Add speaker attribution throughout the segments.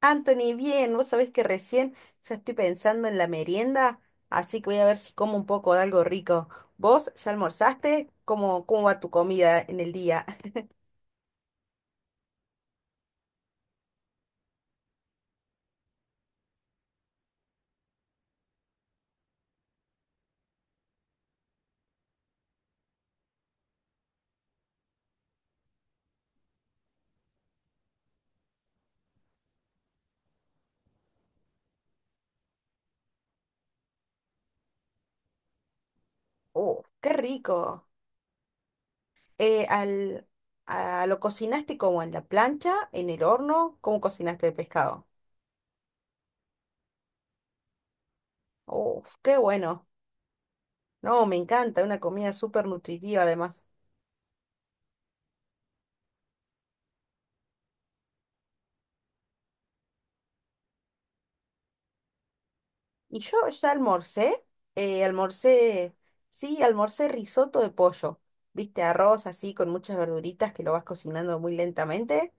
Speaker 1: Anthony, bien, vos sabés que recién ya estoy pensando en la merienda, así que voy a ver si como un poco de algo rico. ¿Vos ya almorzaste? ¿Cómo va tu comida en el día? Oh, qué rico. Eh, al, ¿Lo cocinaste como en la plancha, en el horno? ¿Cómo cocinaste el pescado? Oh, qué bueno. No, me encanta, una comida súper nutritiva además. Y yo ya almorcé, eh, almorcé, sí, almorcé risotto de pollo, viste, arroz así con muchas verduritas que lo vas cocinando muy lentamente.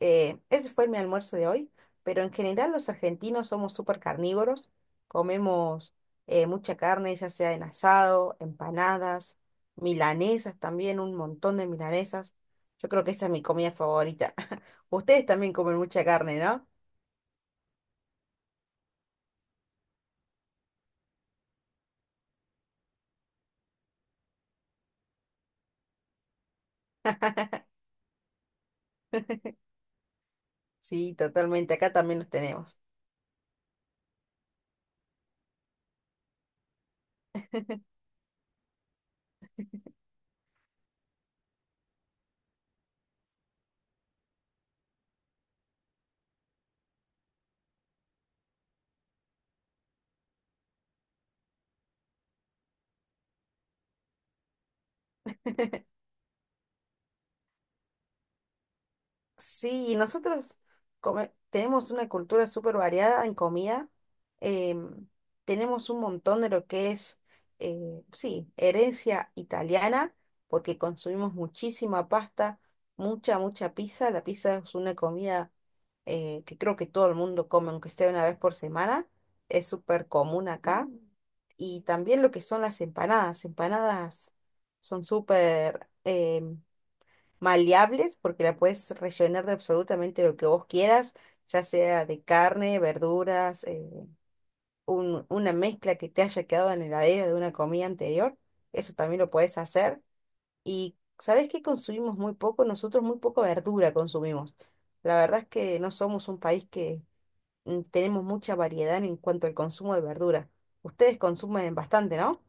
Speaker 1: Ese fue mi almuerzo de hoy, pero en general los argentinos somos súper carnívoros, comemos mucha carne, ya sea en asado, empanadas, milanesas también, un montón de milanesas. Yo creo que esa es mi comida favorita. Ustedes también comen mucha carne, ¿no? Sí, totalmente, acá también los tenemos. Sí, y tenemos una cultura súper variada en comida. em, Tenemos un montón de lo que es, sí, herencia italiana, porque consumimos muchísima pasta, mucha, mucha pizza. La pizza es una comida que creo que todo el mundo come, aunque sea una vez por semana. Es súper común acá. Mm. Y también lo que son las empanadas. Empanadas son súper maleables porque la puedes rellenar de absolutamente lo que vos quieras, ya sea de carne, verduras, una mezcla que te haya quedado en la heladera de una comida anterior, eso también lo puedes hacer. Y ¿sabés qué consumimos muy poco? Nosotros muy poco verdura consumimos. La verdad es que no somos un país que mm, tenemos mucha variedad en cuanto al consumo de verdura. Ustedes consumen bastante, ¿no?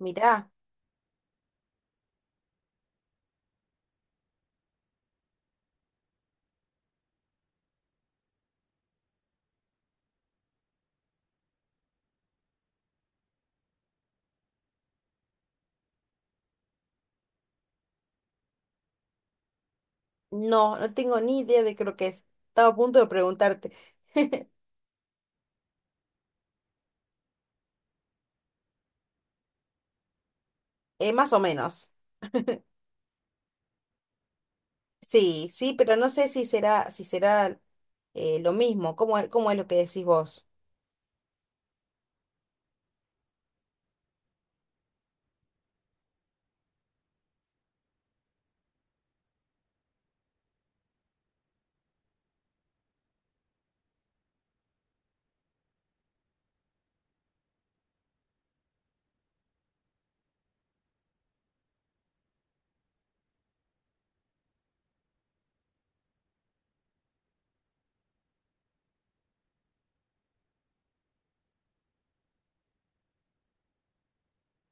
Speaker 1: Mirá, no, no tengo ni idea de qué lo que es. Estaba a punto de preguntarte. Más o menos. Sí, sí, pero no sé si será, si será lo mismo. Cómo es lo que decís vos?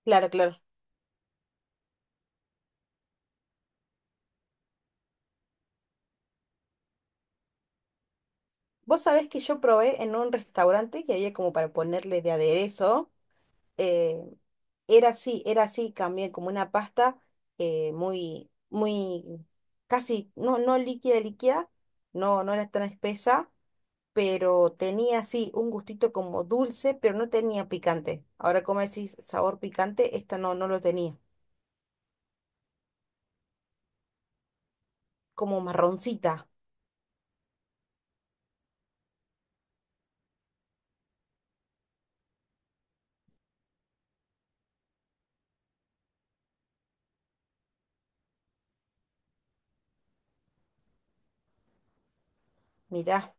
Speaker 1: Claro, claro. Vos sabés que yo probé en un restaurante que había como para ponerle de aderezo. eh, Era así, era así también, como una pasta muy, casi, no, no líquida, líquida, no, no era tan espesa, pero tenía así un gustito como dulce, pero no tenía picante. Ahora, como decís, sabor picante, esta no, no lo tenía, como marroncita. Mirá,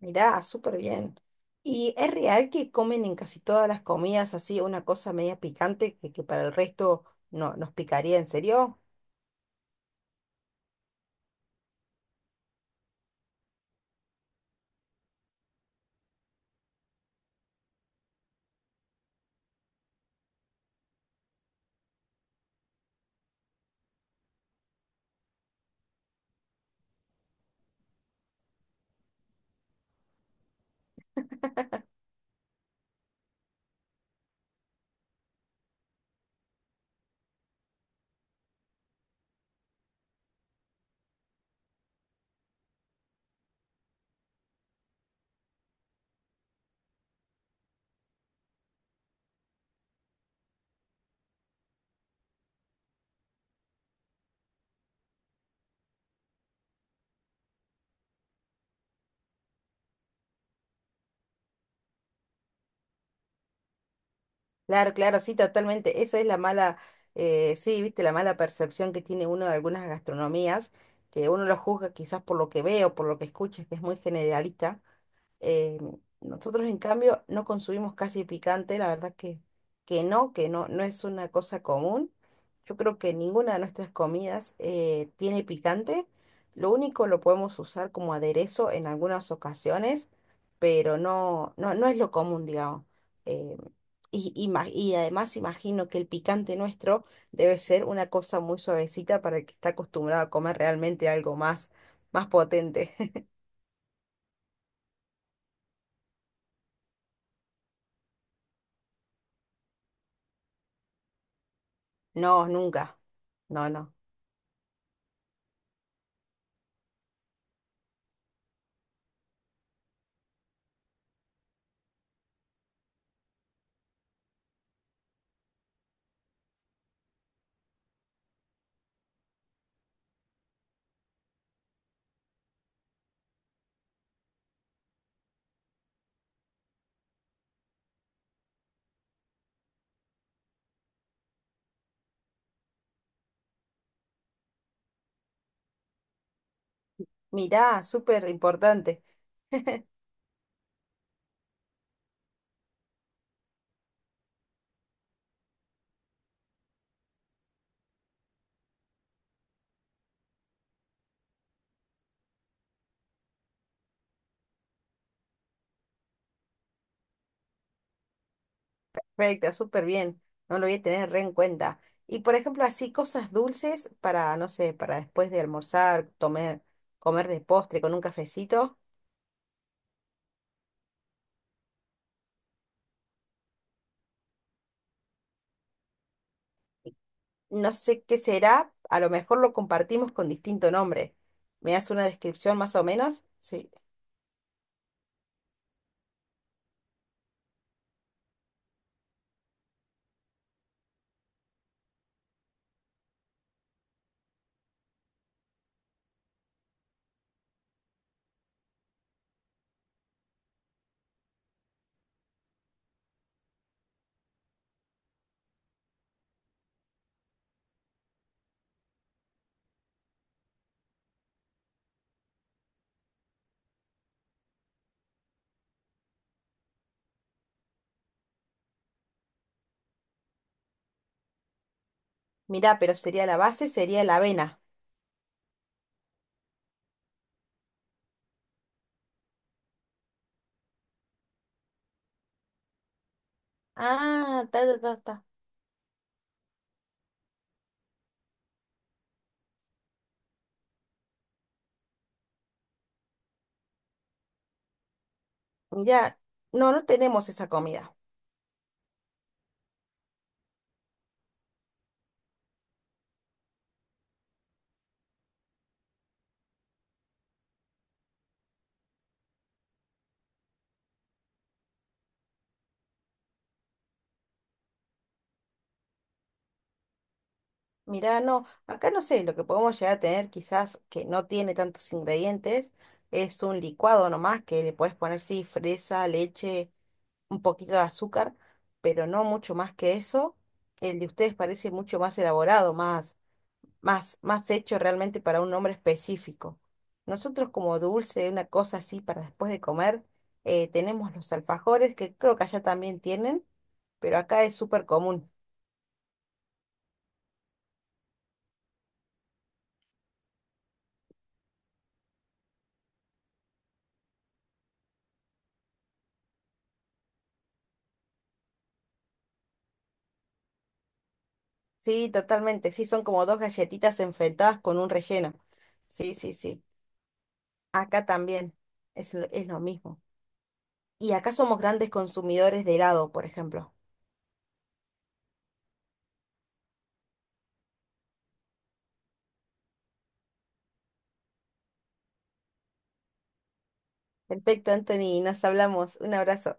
Speaker 1: mirá, súper bien. ¿Y es real que comen en casi todas las comidas así una cosa media picante que para el resto no nos picaría? ¿En serio? Claro, claro, sí, totalmente. Esa es la mala, Sí, viste, la mala percepción que tiene uno de algunas gastronomías, que uno lo juzga quizás por lo que ve o por lo que escucha, que es muy generalista. Eh, Nosotros, en cambio, no consumimos casi picante, la verdad que no, no es una cosa común. Yo creo que ninguna de nuestras comidas tiene picante. Lo único lo podemos usar como aderezo en algunas ocasiones, pero no, no, no es lo común, digamos. Eh, y además imagino que el picante nuestro debe ser una cosa muy suavecita para el que está acostumbrado a comer realmente algo más, más potente. No, nunca. No, no. Mirá, súper importante. Perfecto, súper bien. No lo voy a tener re en cuenta. Y por ejemplo, así cosas dulces para, no sé, para después de almorzar, comer, comer de postre con un cafecito. No sé qué será, a lo mejor lo compartimos con distinto nombre. ¿Me das una descripción más o menos? Sí. Mirá, pero sería la base, sería la avena. Ah, ta, ta, ta, ta. Mirá, no, no tenemos esa comida. Mirá, no, acá no sé, lo que podemos llegar a tener quizás que no tiene tantos ingredientes es un licuado nomás que le puedes poner, sí, fresa, leche, un poquito de azúcar, pero no mucho más que eso. El de ustedes parece mucho más elaborado, más, más, más hecho realmente para un nombre específico. Nosotros como dulce, una cosa así para después de comer, tenemos los alfajores que creo que allá también tienen, pero acá es súper común. Sí, totalmente. Sí, son como dos galletitas enfrentadas con un relleno. Sí, sí, sí. Acá también es lo mismo. Y acá somos grandes consumidores de helado, por ejemplo. Perfecto, Anthony. Nos hablamos. Un abrazo.